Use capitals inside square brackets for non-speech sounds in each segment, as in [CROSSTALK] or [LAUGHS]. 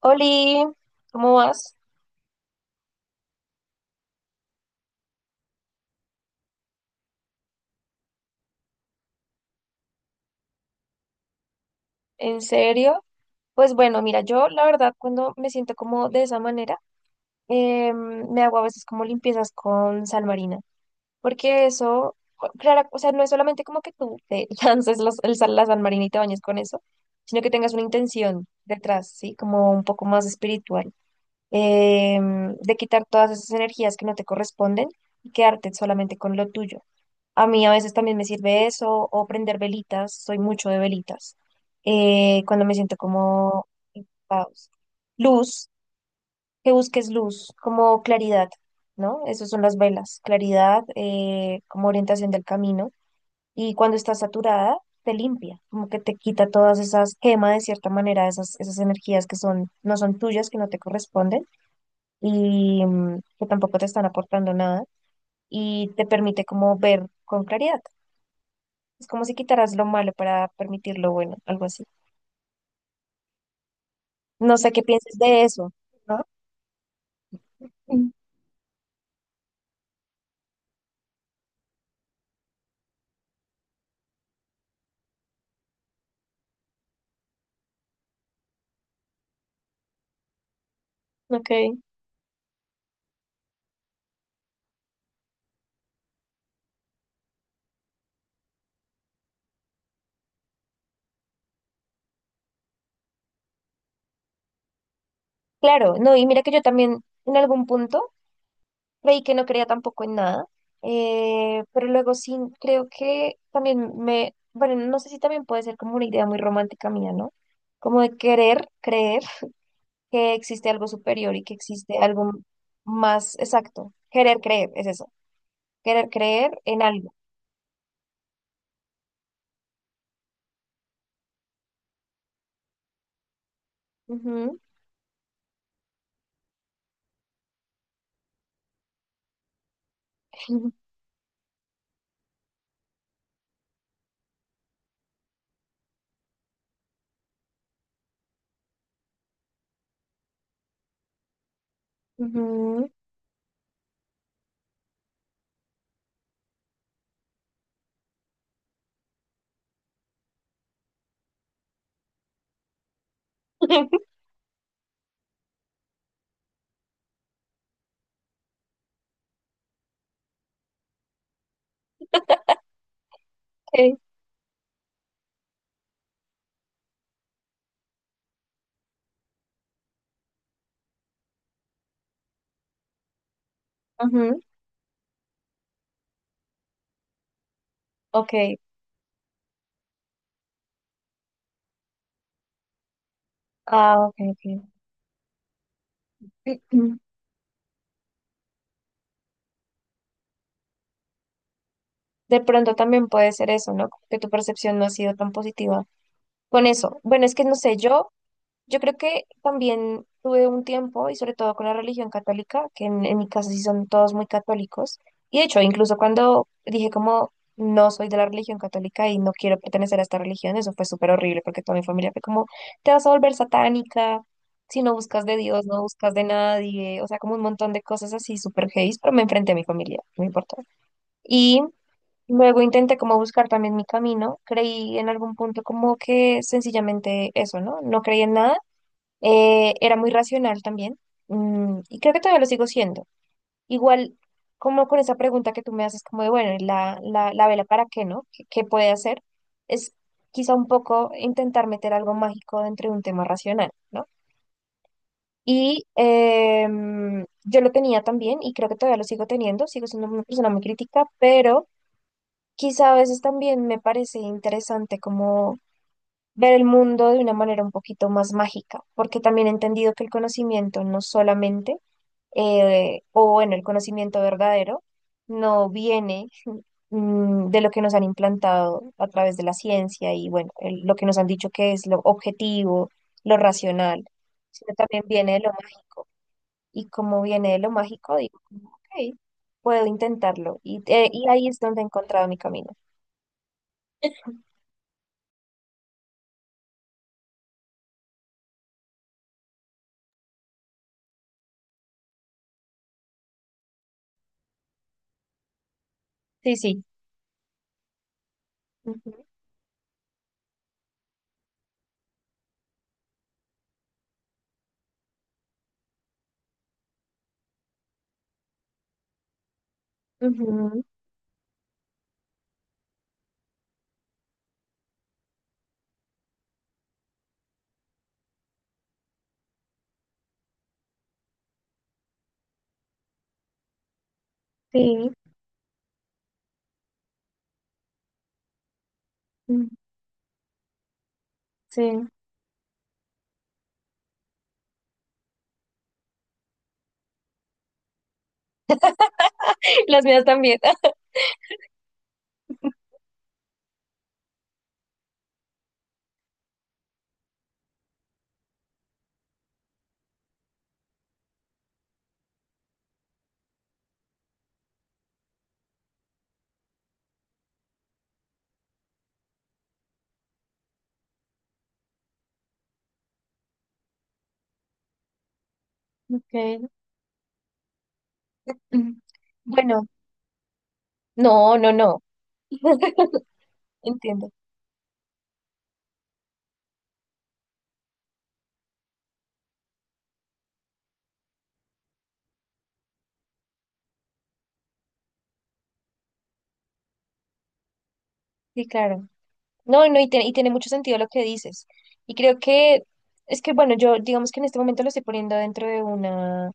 Oli, ¿cómo vas? ¿En serio? Pues bueno, mira, yo la verdad cuando me siento como de esa manera, me hago a veces como limpiezas con sal marina, porque eso, claro, o sea, no es solamente como que tú te [LAUGHS] lances la sal marina y te bañes con eso, sino que tengas una intención detrás, ¿sí? Como un poco más espiritual, de quitar todas esas energías que no te corresponden y quedarte solamente con lo tuyo. A mí a veces también me sirve eso o prender velitas, soy mucho de velitas. Cuando me siento como en caos. Luz, que busques luz, como claridad, ¿no? Esas son las velas, claridad, como orientación del camino. Y cuando estás saturada, te limpia, como que te quita todas esas, quema de cierta manera esas, esas energías que son, no son tuyas, que no te corresponden y que tampoco te están aportando nada y te permite como ver con claridad. Es como si quitaras lo malo para permitir lo bueno, algo así. No sé qué pienses de eso, ¿no? Mm. Ok. Claro, no, y mira que yo también en algún punto creí que no creía tampoco en nada, pero luego sí creo que también me, bueno, no sé si también puede ser como una idea muy romántica mía, ¿no? Como de querer creer que existe algo superior y que existe algo más exacto. Querer creer, es eso, querer creer en algo. Ujú. [LAUGHS] Ujú. [LAUGHS] Ok. Ujú. Ok, ah, ok, ok. [CLEARS THROAT] De pronto también puede ser eso, ¿no? Como que tu percepción no ha sido tan positiva con eso. Bueno, es que no sé, yo creo que también tuve un tiempo, y sobre todo con la religión católica, que en mi casa sí son todos muy católicos. Y de hecho, incluso cuando dije como no soy de la religión católica y no quiero pertenecer a esta religión, eso fue súper horrible porque toda mi familia fue como, te vas a volver satánica, si no buscas de Dios, no buscas de nadie, o sea, como un montón de cosas así súper heavy, pero me enfrenté a mi familia, no importó. Y luego intenté como buscar también mi camino, creí en algún punto como que sencillamente eso, ¿no? No creí en nada, era muy racional también, y creo que todavía lo sigo siendo. Igual, como con esa pregunta que tú me haces, como de, bueno, ¿y la vela para qué, ¿no? ¿Qué, qué puede hacer? Es quizá un poco intentar meter algo mágico dentro de un tema racional, ¿no? Y yo lo tenía también, y creo que todavía lo sigo teniendo, sigo siendo una persona muy crítica, pero quizá a veces también me parece interesante como ver el mundo de una manera un poquito más mágica, porque también he entendido que el conocimiento no solamente, o bueno, el conocimiento verdadero, no viene, de lo que nos han implantado a través de la ciencia y bueno, lo que nos han dicho que es lo objetivo, lo racional, sino también viene de lo mágico. Y como viene de lo mágico, digo, como, ok, puedo intentarlo. Y ahí es donde he encontrado mi camino. Sí, sí. Ujú, ujú, sí. Mm. Sí. [LAUGHS] Las mías también. [LAUGHS] Okay. Mm. Bueno, no, no, no, entiendo. Sí, claro. No, no, y, y tiene mucho sentido lo que dices. Y creo que es que, bueno, yo digamos que en este momento lo estoy poniendo dentro de una,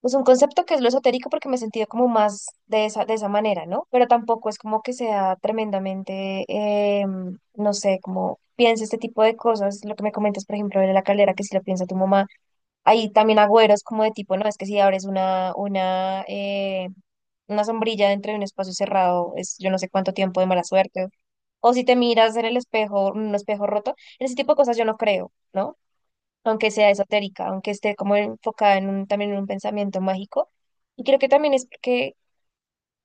pues un concepto que es lo esotérico porque me he sentido como más de esa manera, ¿no? Pero tampoco es como que sea tremendamente, no sé, como piensa este tipo de cosas. Lo que me comentas, por ejemplo, de la calera, que si lo piensa tu mamá. Hay también agüeros como de tipo, no, es que si abres una sombrilla dentro de un espacio cerrado, es yo no sé cuánto tiempo de mala suerte. O si te miras en el espejo, un espejo roto, en ese tipo de cosas yo no creo, ¿no? Aunque sea esotérica, aunque esté como enfocada en un, también en un pensamiento mágico. Y creo que también es porque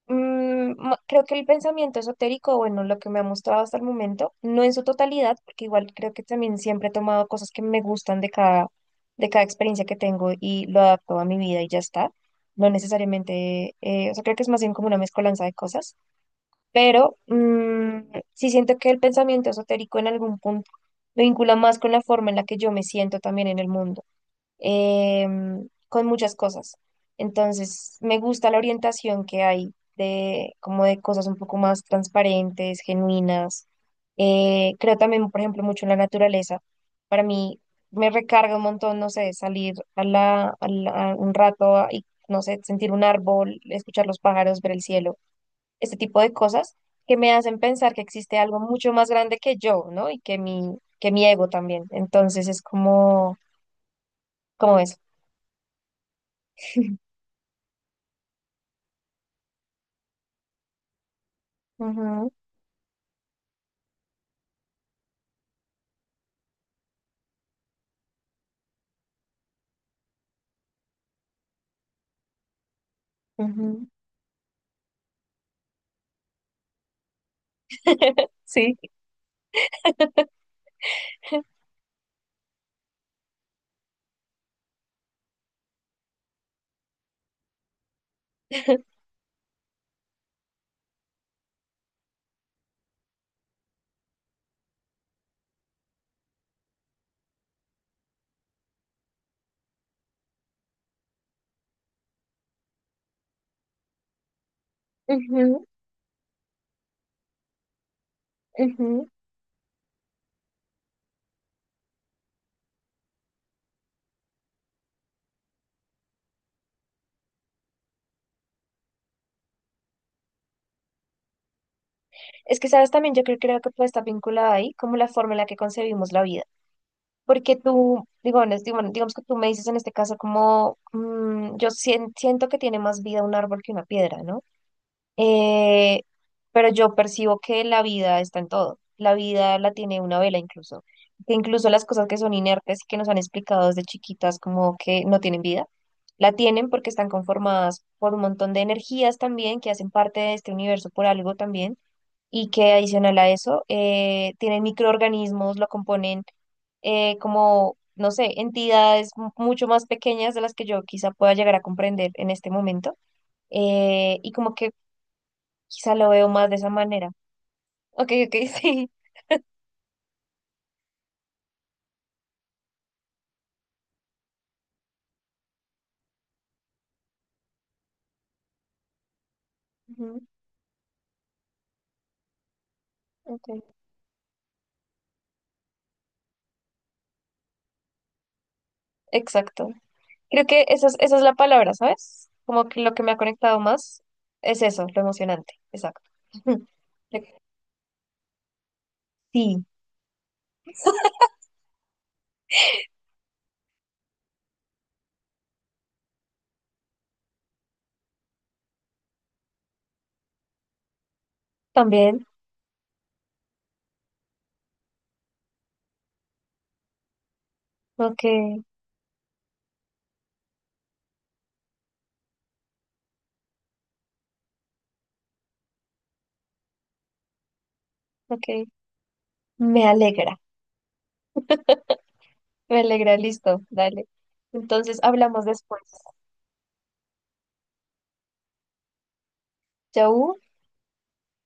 Creo que el pensamiento esotérico, bueno, lo que me ha mostrado hasta el momento, no en su totalidad, porque igual creo que también siempre he tomado cosas que me gustan de cada experiencia que tengo y lo adapto a mi vida y ya está. No necesariamente, o sea, creo que es más bien como una mezcolanza de cosas, pero sí siento que el pensamiento esotérico en algún punto me vincula más con la forma en la que yo me siento también en el mundo, con muchas cosas. Entonces, me gusta la orientación que hay de como de cosas un poco más transparentes, genuinas. Creo también, por ejemplo, mucho en la naturaleza. Para mí me recarga un montón, no sé, salir a la, a la- a un rato y, no sé, sentir un árbol, escuchar los pájaros, ver el cielo, este tipo de cosas que me hacen pensar que existe algo mucho más grande que yo, ¿no? Y que que mi ego también. Entonces es como, como eso. Ujú. [LAUGHS] Sí. [LAUGHS] Ujú, ujú. Es que, sabes, también yo creo, creo que puede estar vinculada ahí como la forma en la que concebimos la vida. Porque tú, digo, en bueno, digamos que tú me dices en este caso como, yo siento que tiene más vida un árbol que una piedra, ¿no? Eh, pero yo percibo que la vida está en todo. La vida la tiene una vela incluso. Que incluso las cosas que son inertes y que nos han explicado desde chiquitas como que no tienen vida, la tienen porque están conformadas por un montón de energías también que hacen parte de este universo por algo también, y que adicional a eso, tienen microorganismos, lo componen, como, no sé, entidades mucho más pequeñas de las que yo quizá pueda llegar a comprender en este momento, y como que quizá lo veo más de esa manera. Ok, ok, [LAUGHS] sí. Ujú, ok. Exacto. Creo que esa es la palabra, ¿sabes? Como que lo que me ha conectado más es eso, lo emocionante. Exacto. [LAUGHS] Sí, también. Ok, ok. Me alegra, me alegra, listo, dale. Entonces hablamos después. Chau.